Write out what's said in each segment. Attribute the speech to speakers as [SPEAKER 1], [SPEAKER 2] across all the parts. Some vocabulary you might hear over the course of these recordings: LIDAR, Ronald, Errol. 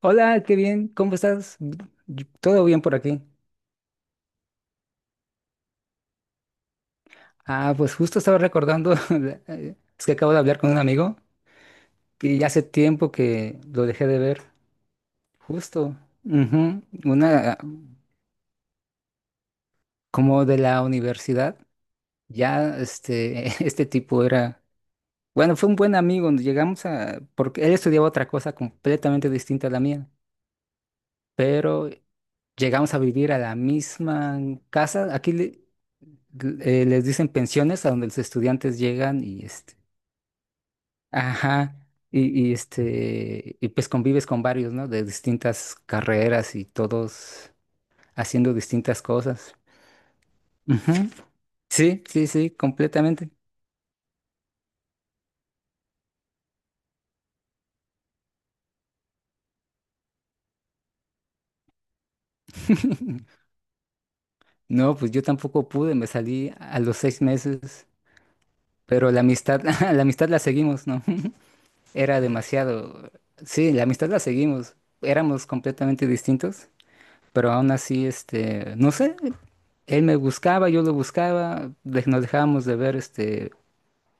[SPEAKER 1] Hola, qué bien, ¿cómo estás? Todo bien por aquí. Pues justo estaba recordando, es que acabo de hablar con un amigo que ya hace tiempo que lo dejé de ver, justo. Ujú. Una, como de la universidad, ya este, este tipo era, bueno, fue un buen amigo, llegamos a, porque él estudiaba otra cosa completamente distinta a la mía, pero llegamos a vivir a la misma casa. Aquí les dicen pensiones a donde los estudiantes llegan y este, ajá, y este, y pues convives con varios, ¿no? De distintas carreras y todos haciendo distintas cosas. Ujú. Sí, sí, sí, completamente. No, pues yo tampoco pude, me salí a los 6 meses, pero la amistad, la amistad la seguimos, ¿no? Era demasiado. Sí, la amistad la seguimos. Éramos completamente distintos, pero aún así, este, no sé, él me buscaba, yo lo buscaba, nos dejábamos de ver, este,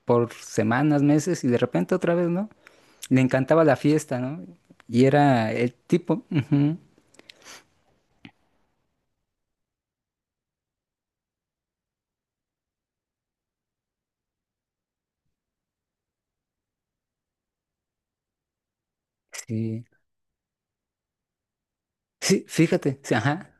[SPEAKER 1] por semanas, meses, y de repente otra vez, ¿no? Le encantaba la fiesta, ¿no? Y era el tipo, ujú, sí, sí, fíjate, sí, ajá,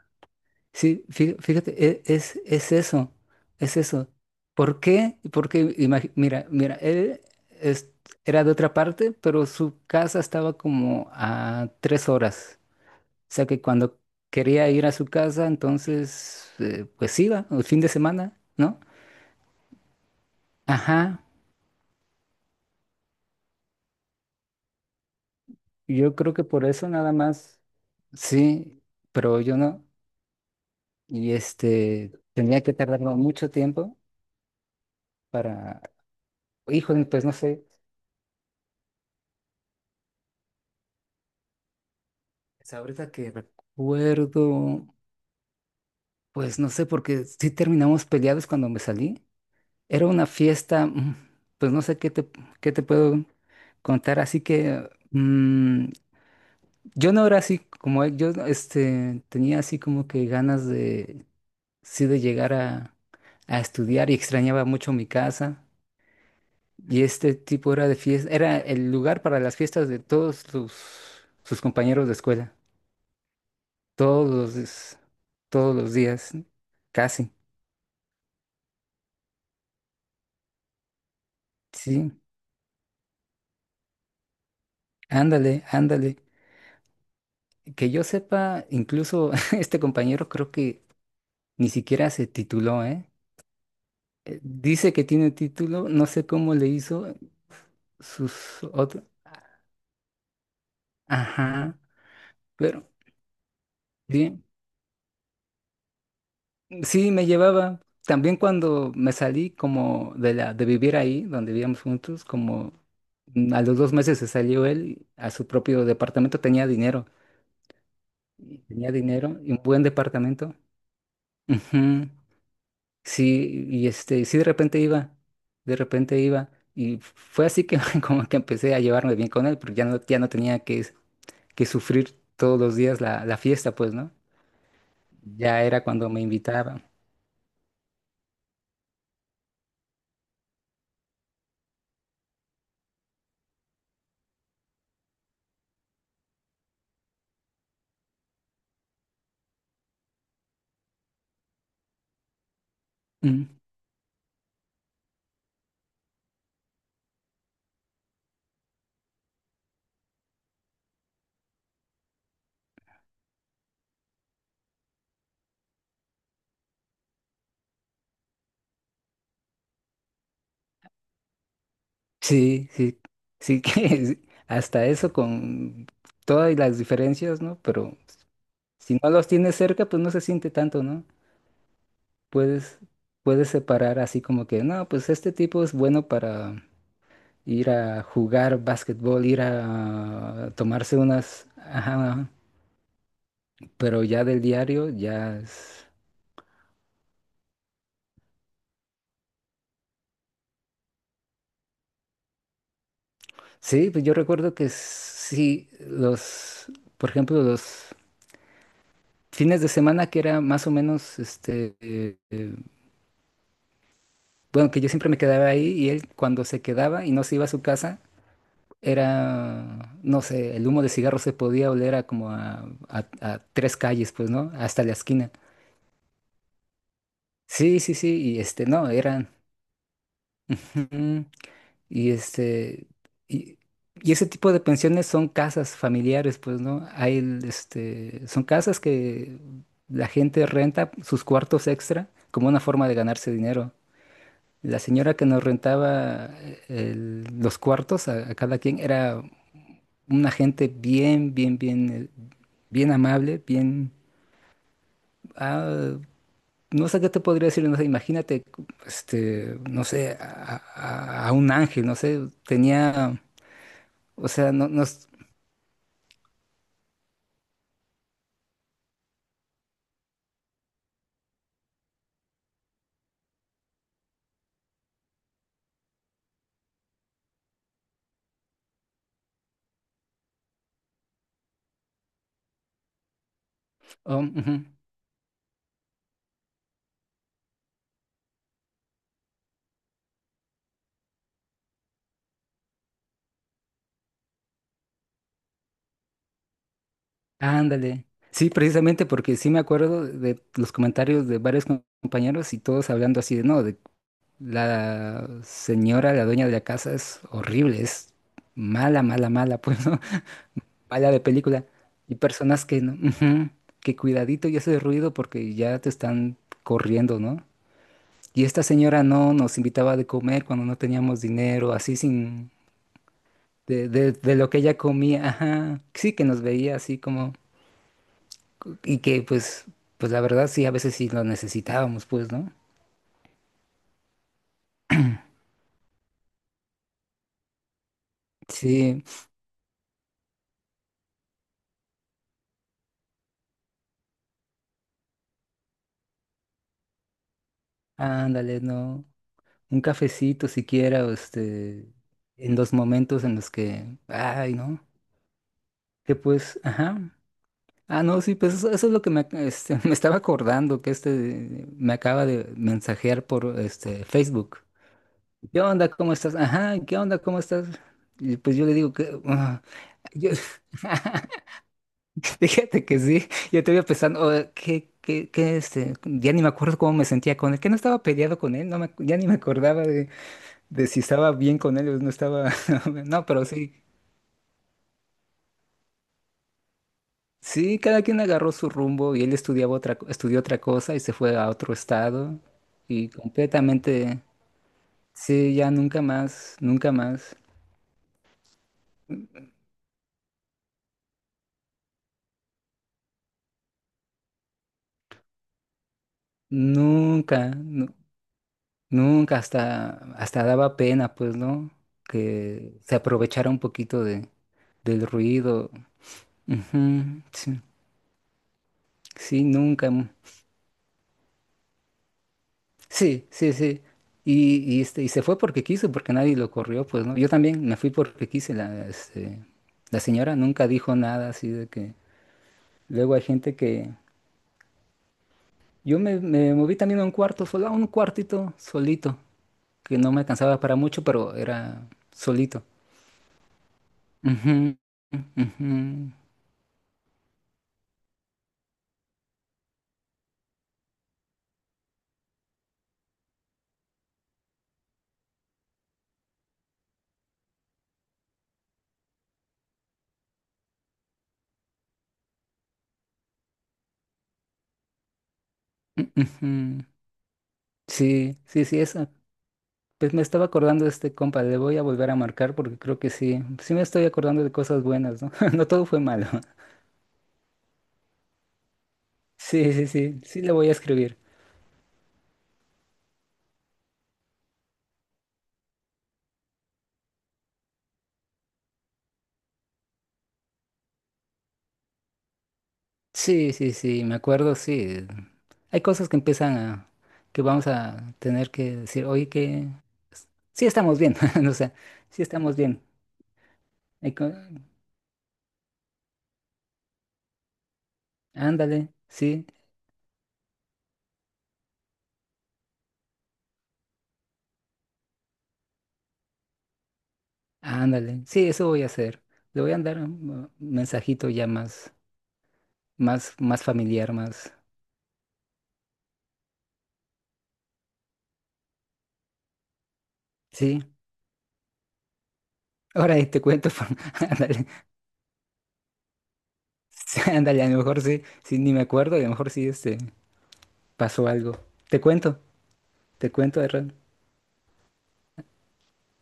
[SPEAKER 1] sí, fíjate, es eso, es eso. ¿Por qué? Porque, mira, es- era de otra parte, pero su casa estaba como a 3 horas. Sea que cuando quería ir a su casa, entonces, pues iba, el fin de semana, ¿no? Ajá, yo creo que por eso nada más, sí, pero yo no. Y este, tenía que tardarme mucho tiempo para, híjole, pues no sé, es ahorita que recuerdo, pues no sé, porque sí terminamos peleados cuando me salí. Era una fiesta, pues no sé qué te puedo contar, así que... yo no era así, como él, yo este, tenía así como que ganas de, sí, de llegar a estudiar y extrañaba mucho mi casa. Y este tipo era de fiesta, era el lugar para las fiestas de todos sus, sus compañeros de escuela, todos los, des- todos los días, casi. Sí, ándale, ándale. Que yo sepa, incluso este compañero creo que ni siquiera se tituló, ¿eh? Dice que tiene título, no sé cómo le hizo sus otros. Ajá, pero bien, sí me llevaba. También cuando me salí como de la de vivir ahí, donde vivíamos juntos, como a los 2 meses se salió él a su propio departamento, tenía dinero y un buen departamento. Ujú. Sí, y este, sí de repente iba, y fue así que como que empecé a llevarme bien con él, porque ya no, ya no tenía que sufrir todos los días la fiesta, pues, ¿no? Ya era cuando me invitaba. Mm. Sí, sí, sí que hasta eso con todas las diferencias, ¿no? Pero si no los tienes cerca, pues no se siente tanto, ¿no? Puedes, puedes separar así como que, no, pues este tipo es bueno para ir a jugar básquetbol, ir a tomarse unas, ajá, ajá. Pero ya del diario, ya es... Sí, pues yo recuerdo que sí, los, por ejemplo, los fines de semana que era más o menos, este, eh, bueno, que yo siempre me quedaba ahí y él cuando se quedaba y no se iba a su casa, era, no sé, el humo de cigarro se podía oler a como a, a 3 calles, pues, ¿no? Hasta la esquina. Sí, sí, sí, y este, no, eran, ujú, y este, y, y ese tipo de pensiones son casas familiares, pues, ¿no? Este, son casas que la gente renta sus cuartos extra como una forma de ganarse dinero. La señora que nos rentaba los cuartos a cada quien era una gente bien, bien, bien, bien amable, bien... ah, no sé qué te podría decir, no sé, imagínate, este, no sé, a un ángel, no sé, tenía, o sea, no, nos... Oh, ujú, ándale. Sí, precisamente porque sí me acuerdo de los comentarios de varios compañeros y todos hablando así de, no, de la señora, la dueña de la casa es horrible, es mala, mala, mala, pues, ¿no? Mala de película. Y personas que no, ujú, que cuidadito y hace ruido porque ya te están corriendo, ¿no? Y esta señora no nos invitaba de comer cuando no teníamos dinero, así sin... de lo que ella comía, ajá. Sí, que nos veía así como... Y que pues, pues la verdad sí, a veces sí lo necesitábamos, pues, ¿no? Sí, ándale, no. Un cafecito siquiera, o este, en los momentos en los que, ay, ¿no? Que pues, ajá. Ah, no, sí, pues eso es lo que me, este, me estaba acordando, que este me acaba de mensajear por este Facebook. ¿Qué onda? ¿Cómo estás? Ajá, ¿qué onda? ¿Cómo estás? Y pues yo le digo que, ah, yo- fíjate que sí, yo te pensando, oh, ¿qué, qué, qué, este? Ya ni me acuerdo cómo me sentía con él, que no estaba peleado con él, no me, ya ni me acordaba de si estaba bien con él o no estaba. No, pero sí. Sí, cada quien agarró su rumbo y él estudiaba otra, estudió otra cosa y se fue a otro estado. Y completamente, sí, ya nunca más, nunca más, nunca, nunca hasta, hasta daba pena, pues, ¿no? Que se aprovechara un poquito de, del ruido. Ujú, sí, sí, nunca. Sí, sí, sí. Y este, y se fue porque quiso, porque nadie lo corrió, pues, ¿no? Yo también me fui porque quise. La, este, la señora nunca dijo nada así de que... Luego hay gente que... Yo me moví también a un cuarto, solo a un cuartito solito, que no me alcanzaba para mucho, pero era solito. Ujú, ujú, ujú. Sí, sí, sí, eso. Pues me estaba acordando de este compa, le voy a volver a marcar porque creo que sí, sí me estoy acordando de cosas buenas, ¿no? No todo fue malo. Sí, sí, sí, sí le voy a escribir. Sí, sí, sí, me acuerdo, sí. Hay cosas que empiezan a, que vamos a tener que decir, oye, que sí estamos bien, o sea, sí estamos bien. Hay ándale, sí, ándale, sí, eso voy a hacer. Le voy a andar un mensajito ya más, más, más familiar, más, sí. Ahora ahí te cuento, ándale, sí, ándale, a lo mejor sí, sí, ni me acuerdo y a lo mejor sí, este, pasó algo. Te cuento, te cuento, Errol.